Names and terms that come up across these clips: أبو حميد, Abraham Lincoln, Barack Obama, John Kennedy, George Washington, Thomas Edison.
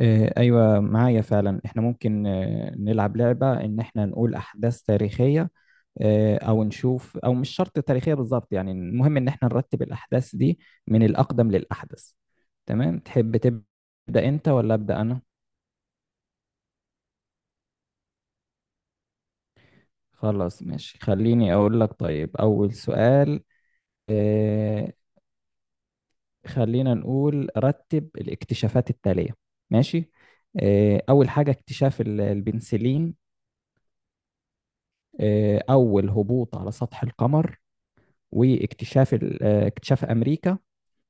ايوه، معايا فعلا احنا ممكن نلعب لعبه ان احنا نقول احداث تاريخيه، او نشوف، او مش شرط تاريخيه بالظبط، يعني المهم ان احنا نرتب الاحداث دي من الاقدم للاحدث. تمام، تحب تبدا انت ولا ابدا انا؟ خلاص ماشي، خليني اقول لك. طيب اول سؤال. آه، خلينا نقول رتب الاكتشافات التاليه. ماشي. اول حاجه اكتشاف البنسلين، اول هبوط على سطح القمر، واكتشاف اكتشاف أمريكا،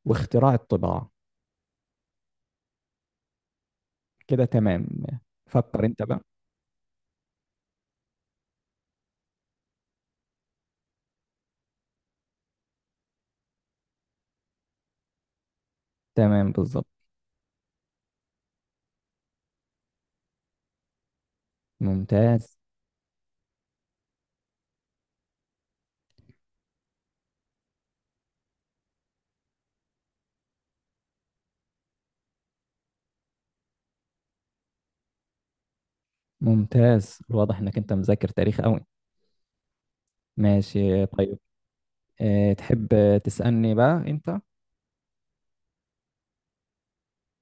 واختراع الطباعة. كده تمام، فكر أنت بقى. تمام بالظبط. ممتاز. ممتاز، واضح إنك أنت مذاكر تاريخ أوي. ماشي طيب. تحب تسألني بقى أنت؟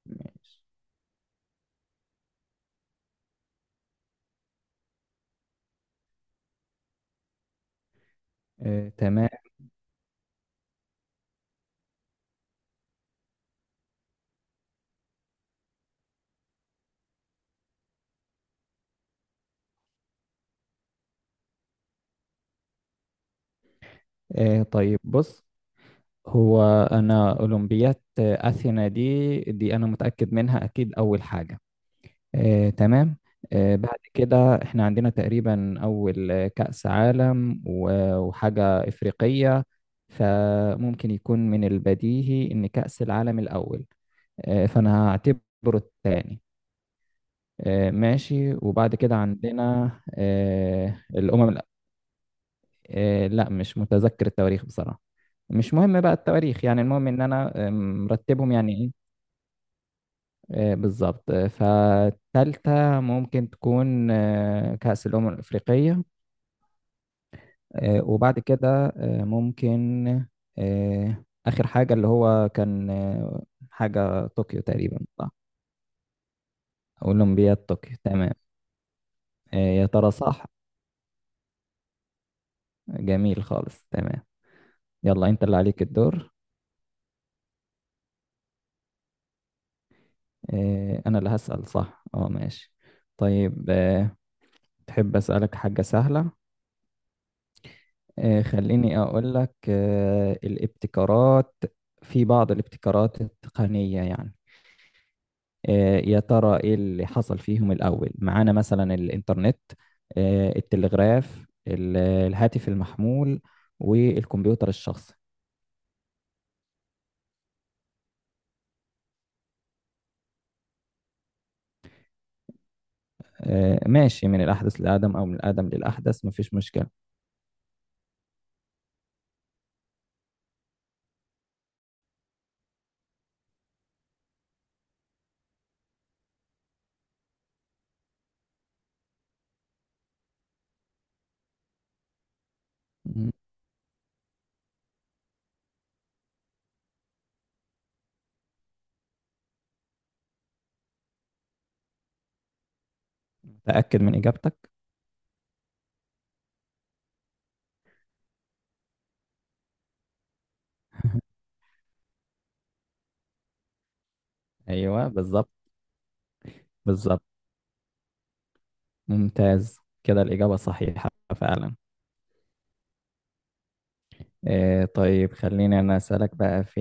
ماشي. تمام. طيب بص، هو أنا أولمبيات أثينا دي أنا متأكد منها، أكيد أول حاجة. تمام. بعد كده احنا عندنا تقريبا أول كأس عالم وحاجة إفريقية، فممكن يكون من البديهي إن كأس العالم الأول، فأنا هعتبره الثاني. ماشي، وبعد كده عندنا الأمم لا، مش متذكر التواريخ بصراحة. مش مهم بقى التواريخ، يعني المهم إن أنا مرتبهم، يعني إيه؟ بالظبط. فالتالتة ممكن تكون كأس الأمم الأفريقية. وبعد كده ممكن آخر حاجة اللي هو كان حاجة طوكيو تقريبا، صح؟ أولمبياد طوكيو، تمام. يا ترى صح؟ جميل خالص، تمام. يلا أنت اللي عليك الدور. أنا اللي هسأل، صح؟ أه ماشي. طيب، تحب أسألك حاجة سهلة؟ خليني أقول لك الابتكارات. في بعض الابتكارات التقنية يعني. يا ترى إيه اللي حصل فيهم الأول؟ معانا مثلا الإنترنت، التلغراف، الهاتف المحمول، والكمبيوتر الشخصي. ماشي، من الأحدث للأقدم أو من الأقدم للأحدث، مفيش مشكلة. مم. متأكد من إجابتك؟ أيوه بالظبط. بالظبط، ممتاز. كده الإجابة صحيحة فعلا. طيب، خليني أنا أسألك بقى في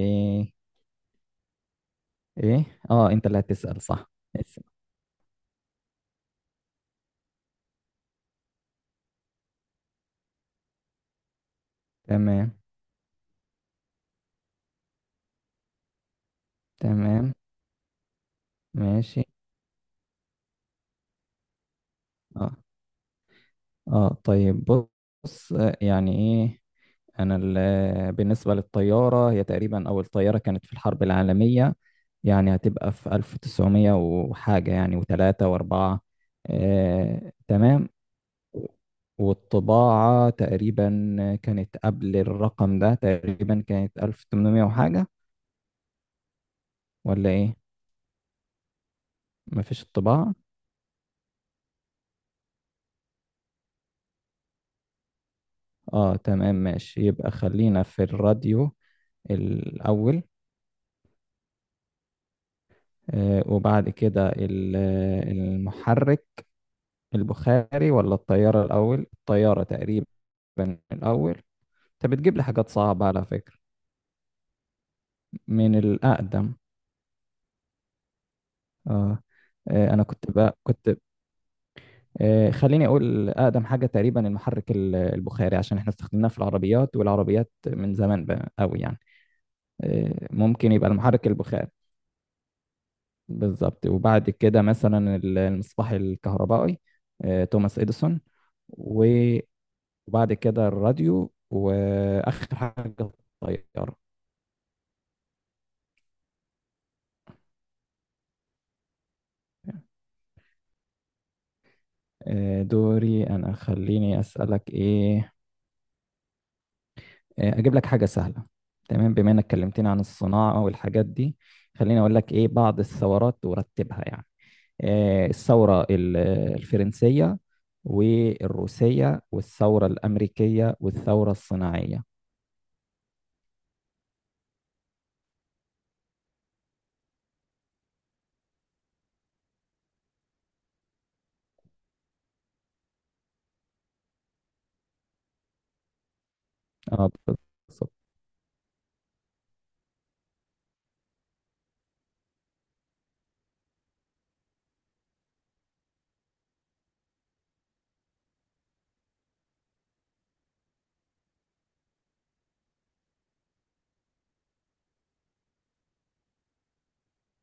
ايه. اه انت اللي هتسأل، صح؟ اسأل. تمام. تمام ماشي. اه اه طيب بص، يعني ايه. انا بالنسبة للطيارة، هي تقريبا اول طيارة كانت في الحرب العالمية يعني، هتبقى في 1900 وحاجة يعني، وثلاثة واربعة. تمام. والطباعة تقريبا كانت قبل الرقم ده، تقريبا كانت 1800 وحاجة. ولا ايه؟ مفيش الطباعة. اه تمام ماشي، يبقى خلينا في الراديو الأول. وبعد كده المحرك البخاري ولا الطيارة الأول؟ الطيارة تقريبا الأول. انت بتجيب لي حاجات صعبة على فكرة. من الأقدم. اه, أنا كنت خليني أقول أقدم حاجة تقريبا المحرك البخاري، عشان احنا استخدمناه في العربيات، والعربيات من زمان بقى أوي يعني. ممكن يبقى المحرك البخاري. بالظبط، وبعد كده مثلا المصباح الكهربائي، توماس إديسون. و- وبعد كده الراديو، وآخر حاجة الطيارة. دوري أنا، خليني أسألك إيه. أجيب لك حاجة سهلة. تمام، بما إنك كلمتني عن الصناعة والحاجات دي، خليني أقول لك إيه بعض الثورات ورتبها يعني. الثورة الفرنسية، والروسية، والثورة الأمريكية، والثورة الصناعية. اه بالظبط.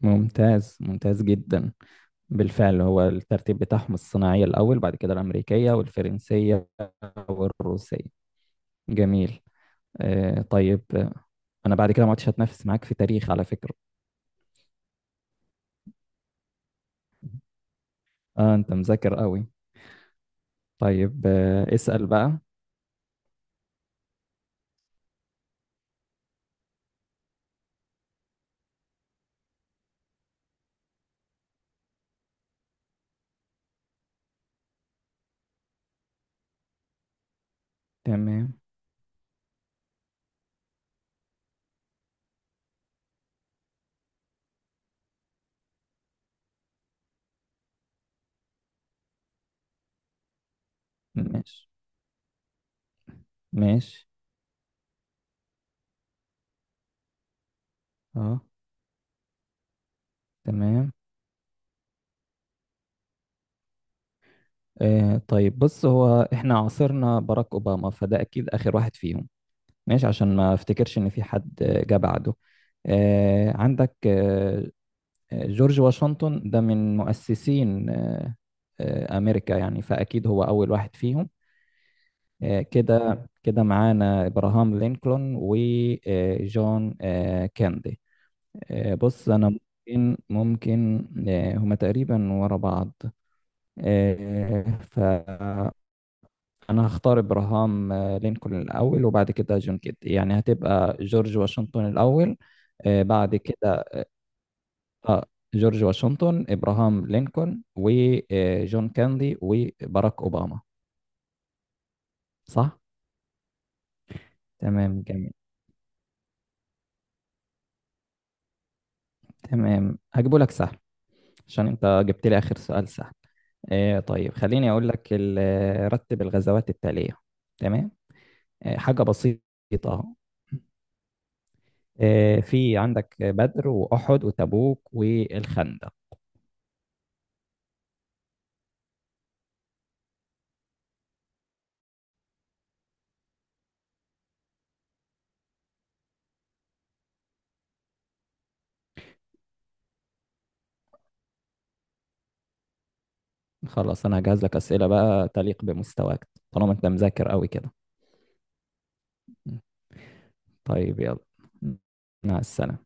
ممتاز، ممتاز جدا. بالفعل، هو الترتيب بتاعهم الصناعية الأول، بعد كده الأمريكية والفرنسية والروسية. جميل. طيب، أنا بعد كده ما عدتش هتنافس معاك في تاريخ على فكرة. أنت مذاكر قوي. طيب اسأل بقى. تمام. ماشي، ماشي. آه تمام. طيب بص، هو إحنا عاصرنا باراك أوباما، فده أكيد آخر واحد فيهم. ماشي، عشان ما افتكرش إن في حد جه بعده. عندك، جورج واشنطن ده من مؤسسين أمريكا يعني، فأكيد هو أول واحد فيهم. كده، كده معانا إبراهام لينكولن وجون كيندي. بص، أنا ممكن هما تقريبا ورا بعض. آه، فأنا هختار إبراهام لينكولن الأول، وبعد كده جون كيندي. يعني هتبقى جورج واشنطن الأول. بعد كده اه جورج واشنطن، ابراهام لينكولن، وجون كاندي، وباراك اوباما. صح. تمام جميل. تمام، هجيبه لك سهل عشان انت جبت لي اخر سؤال سهل. طيب، خليني اقول لك رتب الغزوات التالية. تمام. حاجة بسيطة، اهو. في عندك بدر، واحد، وتبوك، والخندق. خلاص، انا هجهز لك اسئلة بقى تليق بمستواك طالما انت مذاكر قوي كده. طيب، يلا مع السلامة.